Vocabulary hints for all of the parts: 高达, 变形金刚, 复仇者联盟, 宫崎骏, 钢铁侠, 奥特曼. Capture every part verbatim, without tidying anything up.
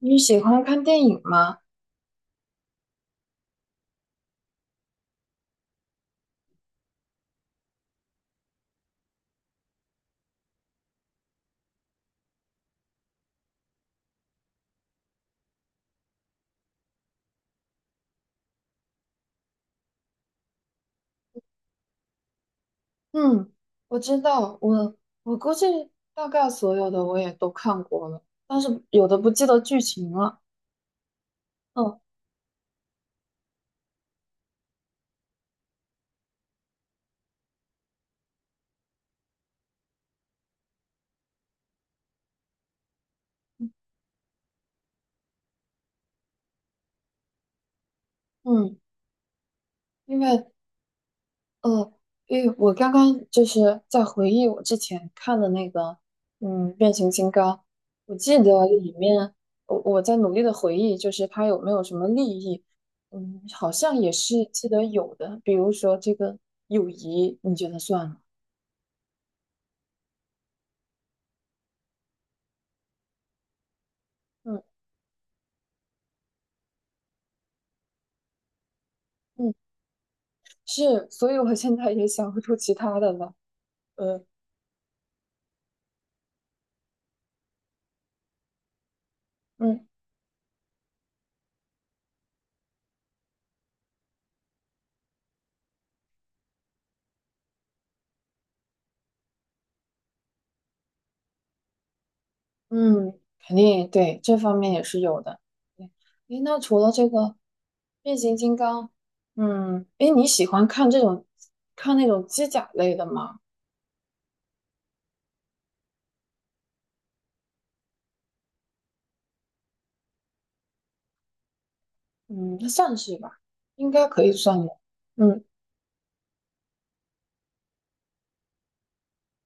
你喜欢看电影吗？嗯，我知道，我我估计大概所有的我也都看过了，但是有的不记得剧情了。嗯嗯，因为呃，因为我刚刚就是在回忆我之前看的那个，嗯，《变形金刚》，我记得里面，我我在努力的回忆，就是它有没有什么利益？嗯，好像也是记得有的，比如说这个友谊，你觉得算吗？嗯嗯是，所以我现在也想不出其他的了。呃，嗯嗯，肯定对这方面也是有的。对，诶，那除了这个变形金刚，嗯，诶，你喜欢看这种看那种机甲类的吗？嗯，那算是吧，应该可以算的。嗯，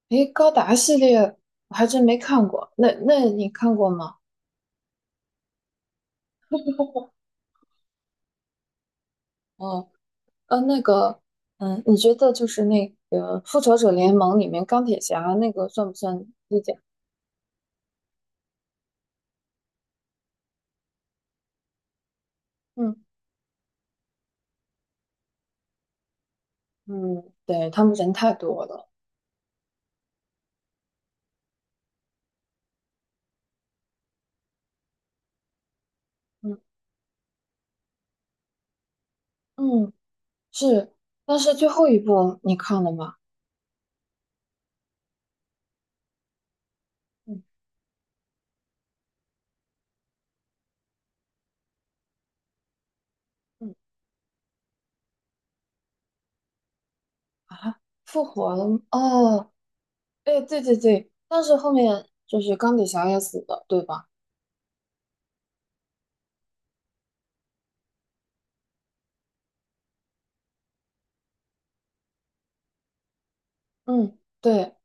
诶，高达系列我还真没看过，那那你看过吗？哦，呃，那个，嗯，你觉得就是那个《复仇者联盟》里面钢铁侠那个算不算机甲？嗯。嗯，对，他们人太多了。嗯嗯，是，但是最后一部你看了吗？嗯嗯啊，复活了吗哦，哎，对对对，但是后面就是钢铁侠也死了，对吧？嗯，对，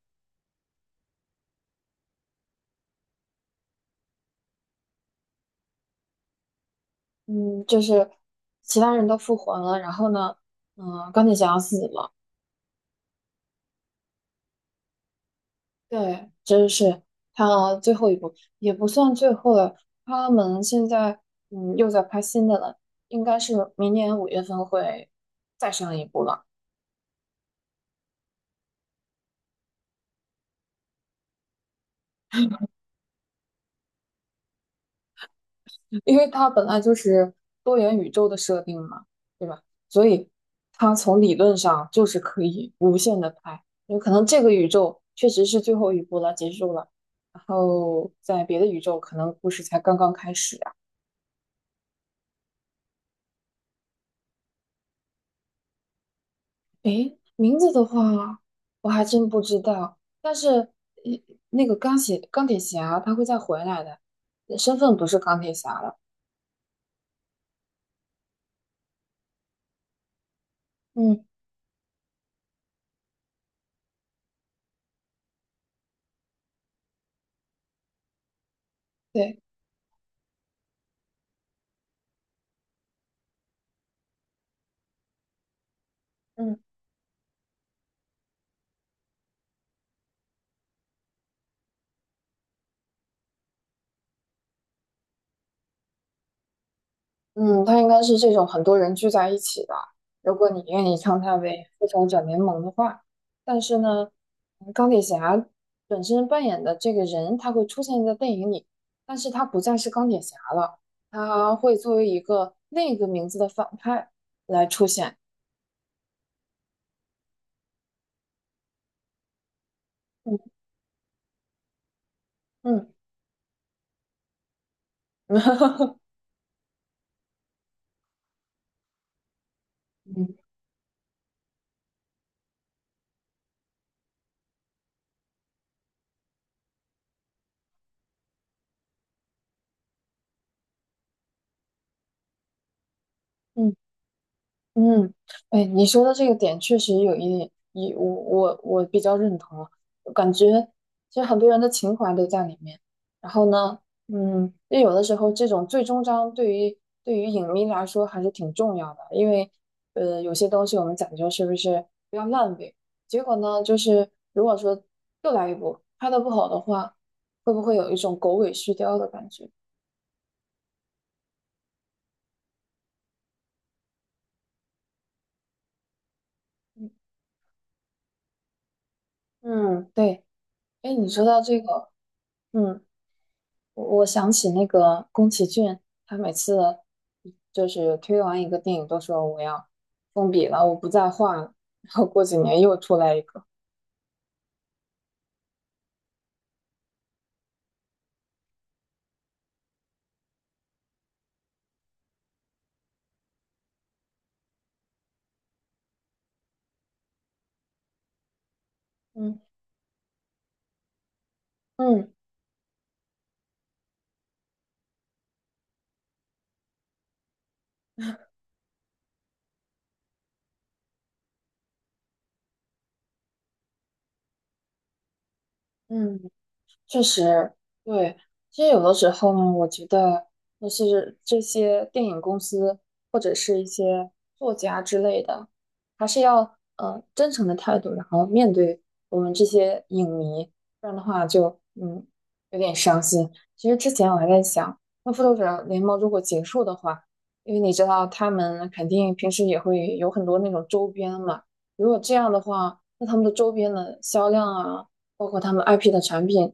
嗯，就是其他人都复活了，然后呢，嗯，钢铁侠死了，对，这是他最后一部，也不算最后了。他们现在嗯又在拍新的了，应该是明年五月份会再上一部了，因为它本来就是多元宇宙的设定嘛，对吧？所以它从理论上就是可以无限的拍，有可能这个宇宙确实是最后一部了，结束了，然后在别的宇宙可能故事才刚刚开始。诶，名字的话，我还真不知道。但是，呃那个钢铁钢铁侠他会再回来的，身份不是钢铁侠了。嗯，对，嗯嗯，他应该是这种很多人聚在一起的。如果你愿意称他为复仇者联盟的话，但是呢，嗯钢铁侠本身扮演的这个人，他会出现在电影里，但是他不再是钢铁侠了，他会作为一个另一个名字的反派来出现。嗯嗯。哈哈哈，嗯嗯嗯，哎，你说的这个点确实有一点，一，我我我比较认同啊，我感觉其实很多人的情怀都在里面。然后呢，嗯，就有的时候这种最终章对于对于影迷来说还是挺重要的，因为呃有些东西我们讲究是不是不要烂尾，结果呢就是如果说又来一部拍的不好的话，会不会有一种狗尾续貂的感觉？嗯，嗯对，哎，你说到这个，嗯。我我想起那个宫崎骏，他每次就是推完一个电影都说我要封笔了，我不再画了，然后过几年又出来一个，嗯嗯嗯，确实，对，其实有的时候呢，我觉得就是这些电影公司或者是一些作家之类的，还是要呃真诚的态度，然后面对我们这些影迷，不然的话就嗯有点伤心。其实之前我还在想，那复仇者联盟如果结束的话，因为你知道他们肯定平时也会有很多那种周边嘛，如果这样的话，那他们的周边的销量啊。包括他们 I P 的产品，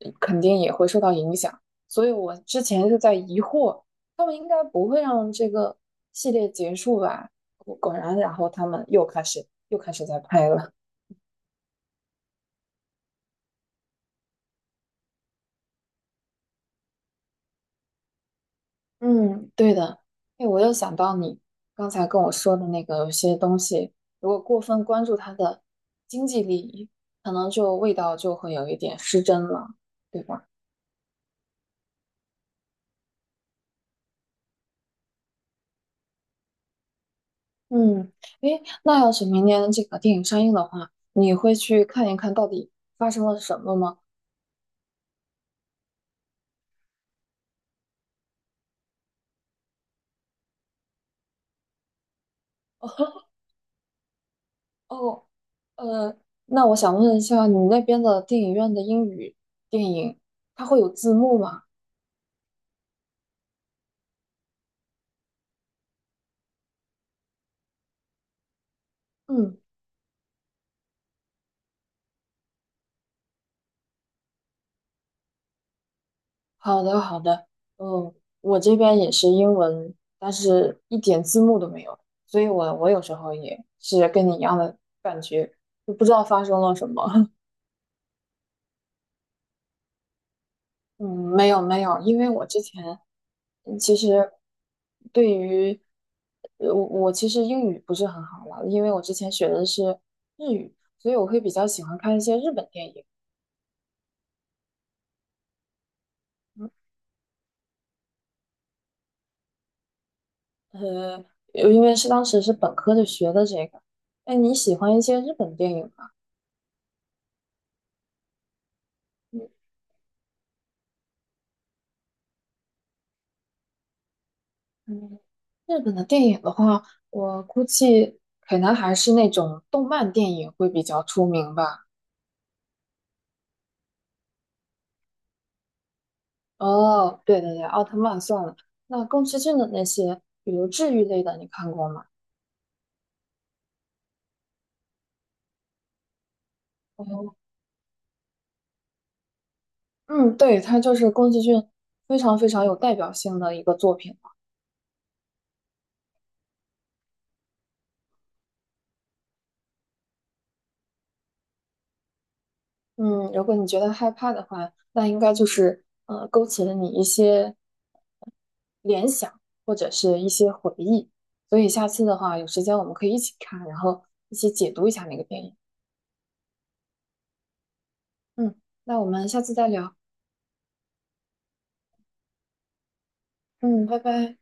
呃肯定也会受到影响。所以我之前就在疑惑，他们应该不会让这个系列结束吧？果果然，然后他们又开始又开始在拍了。嗯，对的。哎，我又想到你刚才跟我说的那个，有些东西如果过分关注它的经济利益，可能就味道就会有一点失真了，对吧？嗯，诶，那要是明年这个电影上映的话，你会去看一看到底发生了什么吗？哦，呃，那我想问一下，你那边的电影院的英语电影，它会有字幕吗？嗯，好的，好的。嗯，我这边也是英文，但是一点字幕都没有，所以我我有时候也是跟你一样的感觉，就不知道发生了什么。嗯，没有没有，因为我之前嗯其实对于呃我我其实英语不是很好了，因为我之前学的是日语，所以我会比较喜欢看一些日本电影。呃，因为是当时是本科就学的这个。哎，你喜欢一些日本电影吗？嗯嗯，日本的电影的话，我估计可能还是那种动漫电影会比较出名吧。哦，对对对，奥特曼算了。那宫崎骏的那些，比如治愈类的，你看过吗？哦嗯，对，它就是宫崎骏非常非常有代表性的一个作品。嗯，如果你觉得害怕的话，那应该就是呃勾起了你一些联想或者是一些回忆。所以下次的话，有时间我们可以一起看，然后一起解读一下那个电影。嗯，那我们下次再聊。嗯，拜拜。